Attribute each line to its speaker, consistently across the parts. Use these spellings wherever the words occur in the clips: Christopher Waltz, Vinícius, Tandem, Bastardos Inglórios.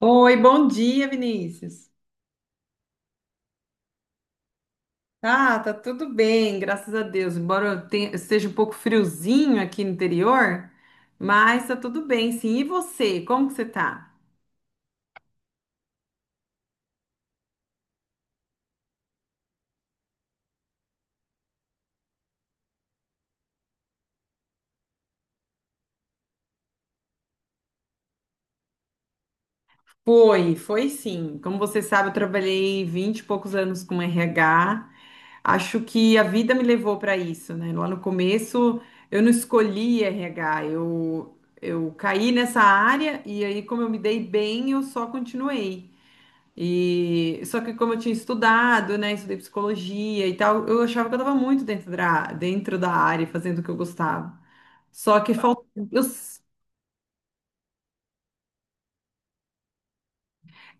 Speaker 1: Oi, bom dia, Vinícius. Ah, tá tudo bem, graças a Deus. Embora eu esteja um pouco friozinho aqui no interior, mas tá tudo bem, sim. E você, como que você tá? Foi, sim. Como você sabe, eu trabalhei 20 e poucos anos com RH. Acho que a vida me levou para isso, né? Lá no começo, eu não escolhi RH, eu caí nessa área e aí, como eu me dei bem, eu só continuei. E só que como eu tinha estudado, né, estudei psicologia e tal, eu achava que eu estava muito dentro da área, fazendo o que eu gostava. Só que falta, eu s-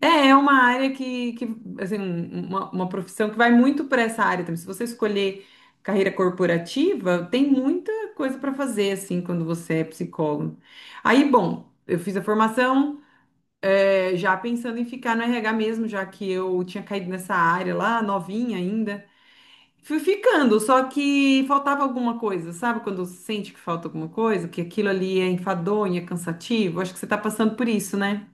Speaker 1: é, é uma área que assim, uma profissão que vai muito para essa área também. Se você escolher carreira corporativa, tem muita coisa para fazer assim quando você é psicólogo. Aí, bom, eu fiz a formação, já pensando em ficar no RH mesmo, já que eu tinha caído nessa área lá, novinha ainda. Fui ficando, só que faltava alguma coisa, sabe? Quando você sente que falta alguma coisa, que aquilo ali é enfadonho, é cansativo. Acho que você está passando por isso, né?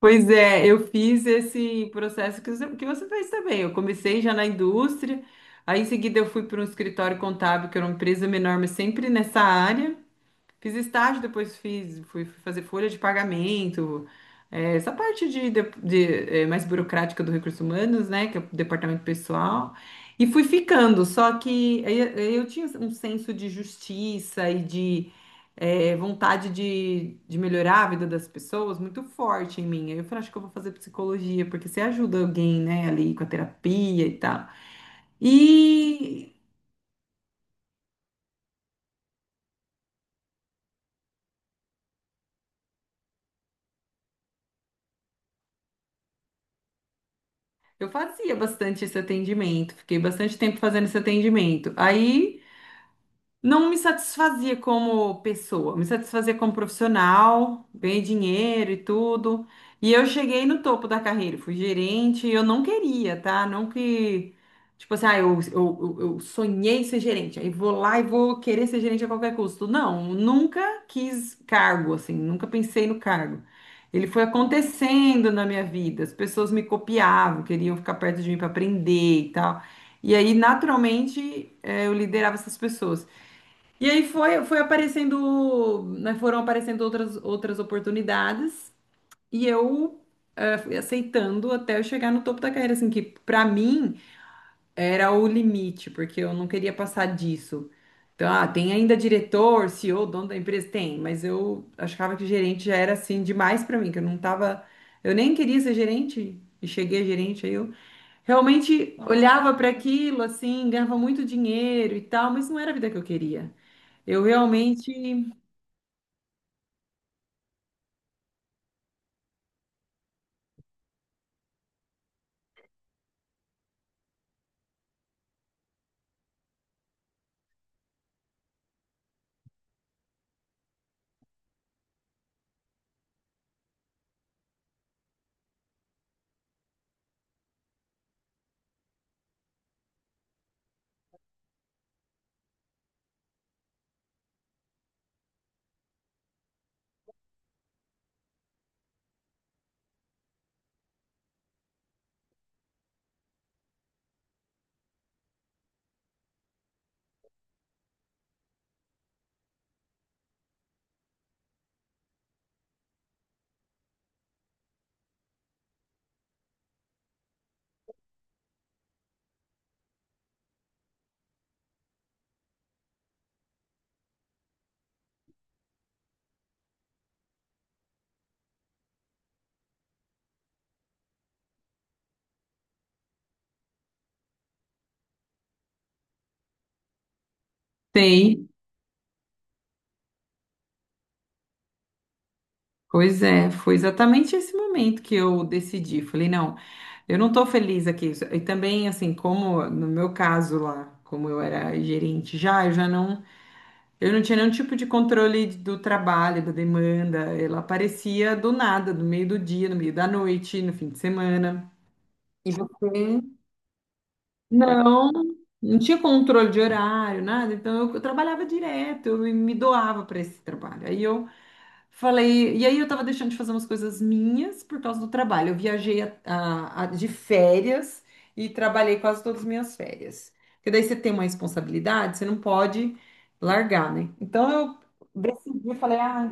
Speaker 1: Pois é, eu fiz esse processo que você fez também. Eu comecei já na indústria, aí em seguida eu fui para um escritório contábil, que era uma empresa menor, mas sempre nessa área. Fiz estágio, depois fiz, fui fazer folha de pagamento. É, essa parte mais burocrática do recursos humanos, né? Que é o departamento pessoal. E fui ficando, só que eu tinha um senso de justiça e de vontade de melhorar a vida das pessoas muito forte em mim. Aí eu falei, acho que eu vou fazer psicologia, porque você ajuda alguém, né, ali com a terapia e tal. E Eu fazia bastante esse atendimento, fiquei bastante tempo fazendo esse atendimento. Aí, não me satisfazia como pessoa, me satisfazia como profissional, ganhei dinheiro e tudo. E eu cheguei no topo da carreira, fui gerente, e eu não queria, tá? Não que, tipo assim, ah, eu sonhei ser gerente, aí vou lá e vou querer ser gerente a qualquer custo. Não, nunca quis cargo, assim, nunca pensei no cargo. Ele foi acontecendo na minha vida, as pessoas me copiavam, queriam ficar perto de mim para aprender e tal. E aí, naturalmente, eu liderava essas pessoas. E aí foi aparecendo, né, foram aparecendo outras oportunidades e eu fui aceitando até eu chegar no topo da carreira, assim, que pra mim era o limite, porque eu não queria passar disso. Então, ah, tem ainda diretor, CEO, dono da empresa? Tem, mas eu achava que gerente já era assim demais pra mim, que eu não tava, eu nem queria ser gerente e cheguei a gerente aí, realmente olhava para aquilo assim, ganhava muito dinheiro e tal, mas não era a vida que eu queria. Eu realmente sei, pois é, foi exatamente esse momento que eu decidi. Falei, não, eu não estou feliz aqui. E também, assim, como no meu caso lá, como eu era gerente já, eu já não, eu não tinha nenhum tipo de controle do trabalho, da demanda. Ela aparecia do nada, no meio do dia, no meio da noite, no fim de semana. E você? Não, não tinha controle de horário, nada. Então eu trabalhava direto, eu me doava para esse trabalho. Aí eu falei, e aí eu estava deixando de fazer umas coisas minhas por causa do trabalho. Eu viajei de férias e trabalhei quase todas as minhas férias. Porque daí você tem uma responsabilidade, você não pode largar, né? Então eu decidi, falei, ah,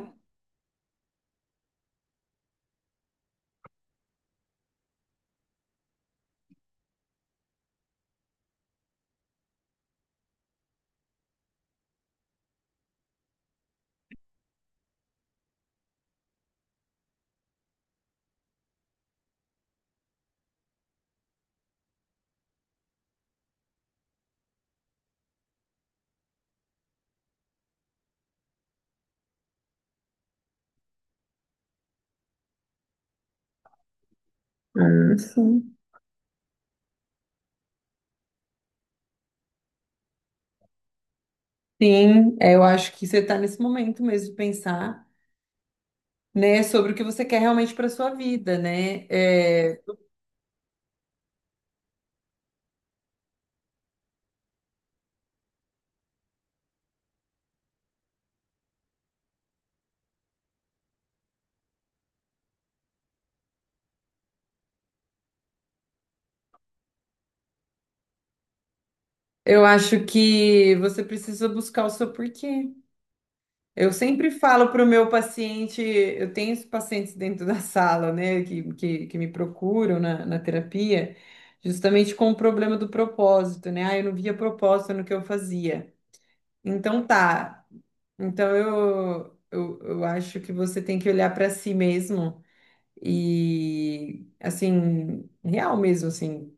Speaker 1: ah, sim. Sim, é, eu acho que você está nesse momento mesmo de pensar, né, sobre o que você quer realmente para sua vida, né? É, eu acho que você precisa buscar o seu porquê. Eu sempre falo para o meu paciente, eu tenho os pacientes dentro da sala, né, que me procuram na terapia, justamente com o problema do propósito, né? Ah, eu não via propósito no que eu fazia. Então tá. Então eu acho que você tem que olhar para si mesmo e assim, real mesmo, assim,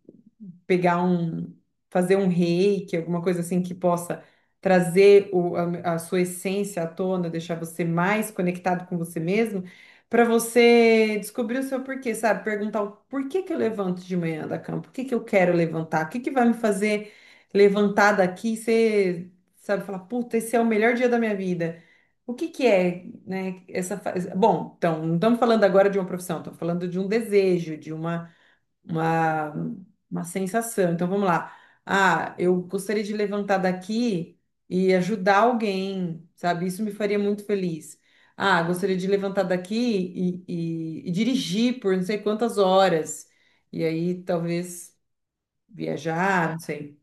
Speaker 1: pegar um, fazer um reiki, alguma coisa assim que possa trazer a sua essência à tona, deixar você mais conectado com você mesmo, para você descobrir o seu porquê, sabe? Perguntar o porquê que eu levanto de manhã da cama, por que que eu quero levantar, o que que vai me fazer levantar daqui e ser, sabe, falar, puta, esse é o melhor dia da minha vida. O que que é, né, essa bom, então, não estamos falando agora de uma profissão, estamos falando de um desejo, uma, uma sensação. Então, vamos lá. Ah, eu gostaria de levantar daqui e ajudar alguém, sabe? Isso me faria muito feliz. Ah, gostaria de levantar daqui e dirigir por não sei quantas horas. E aí, talvez, viajar, não sei.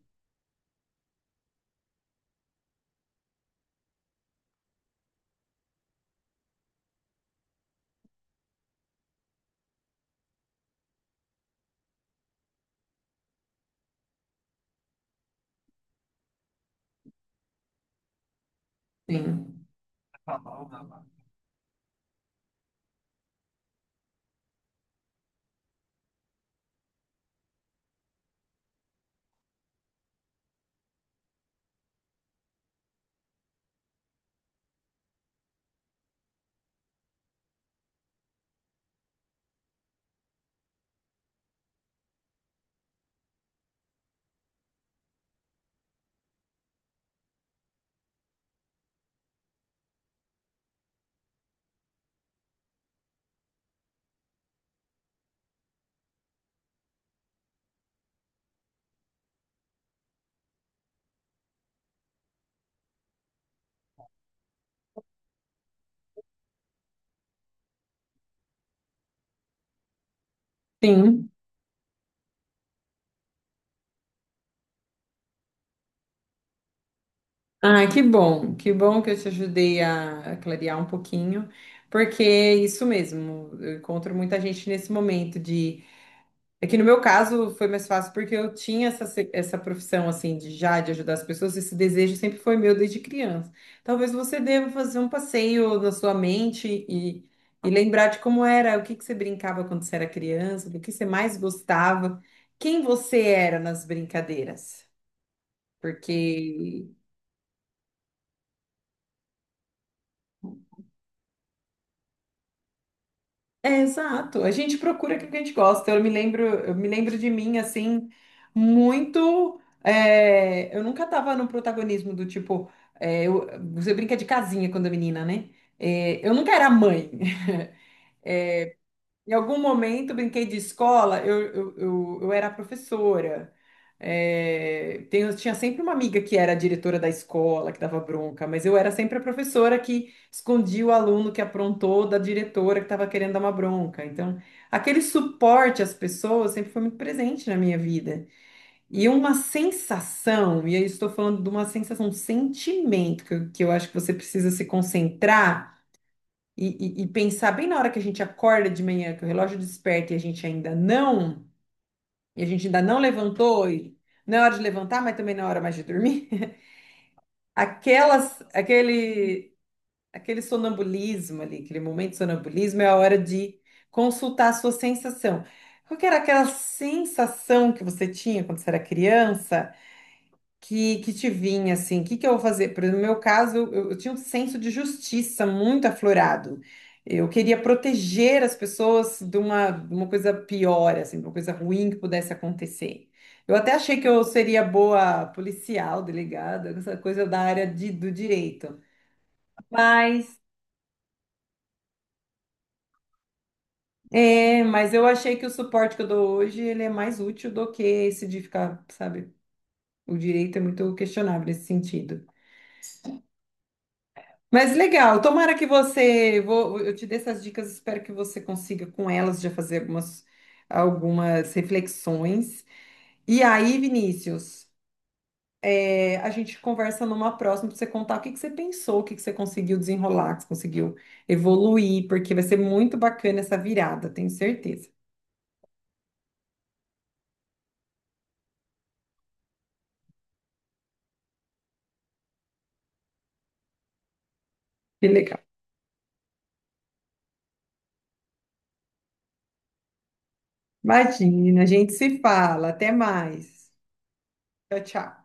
Speaker 1: Sim. Sim. Ah, que bom, que bom que eu te ajudei a clarear um pouquinho, porque é isso mesmo, eu encontro muita gente nesse momento de. É que no meu caso foi mais fácil porque eu tinha essa, essa profissão assim de já de ajudar as pessoas, esse desejo sempre foi meu desde criança. Talvez você deva fazer um passeio na sua mente e lembrar de como era, o que que você brincava quando você era criança, do que você mais gostava, quem você era nas brincadeiras. Porque é, exato. A gente procura aquilo que a gente gosta. Eu me lembro de mim assim muito. É, eu nunca tava no protagonismo do tipo, é, eu- você brinca de casinha quando é menina, né? É, eu nunca era mãe. Em algum momento brinquei de escola, eu era professora. É, tinha sempre uma amiga que era a diretora da escola, que dava bronca, mas eu era sempre a professora que escondia o aluno que aprontou da diretora que estava querendo dar uma bronca. Então, aquele suporte às pessoas sempre foi muito presente na minha vida. E uma sensação, e aí estou falando de uma sensação, um sentimento que eu acho que você precisa se concentrar e pensar bem na hora que a gente acorda de manhã, que o relógio desperta e a gente ainda não e a gente ainda não levantou, e não é hora de levantar, mas também não é hora mais de dormir. Aquelas, aquele, aquele sonambulismo ali, aquele momento de sonambulismo é a hora de consultar a sua sensação. Qual que era aquela sensação que você tinha quando você era criança? Que te vinha assim, o que que eu vou fazer? Por exemplo, no meu caso, eu tinha um senso de justiça muito aflorado. Eu queria proteger as pessoas de uma coisa pior, assim, de uma coisa ruim que pudesse acontecer. Eu até achei que eu seria boa policial, delegada, essa coisa da área do direito. Mas, é, mas eu achei que o suporte que eu dou hoje, ele é mais útil do que esse de ficar, sabe? O direito é muito questionável nesse sentido. Mas legal, tomara que você, vou, eu te dei essas dicas, espero que você consiga com elas já fazer algumas, algumas reflexões. E aí, Vinícius, é, a gente conversa numa próxima para você contar o que que você pensou, o que que você conseguiu desenrolar, que você conseguiu evoluir, porque vai ser muito bacana essa virada, tenho certeza. Que legal. Imagina, a gente se fala, até mais. Tchau, tchau.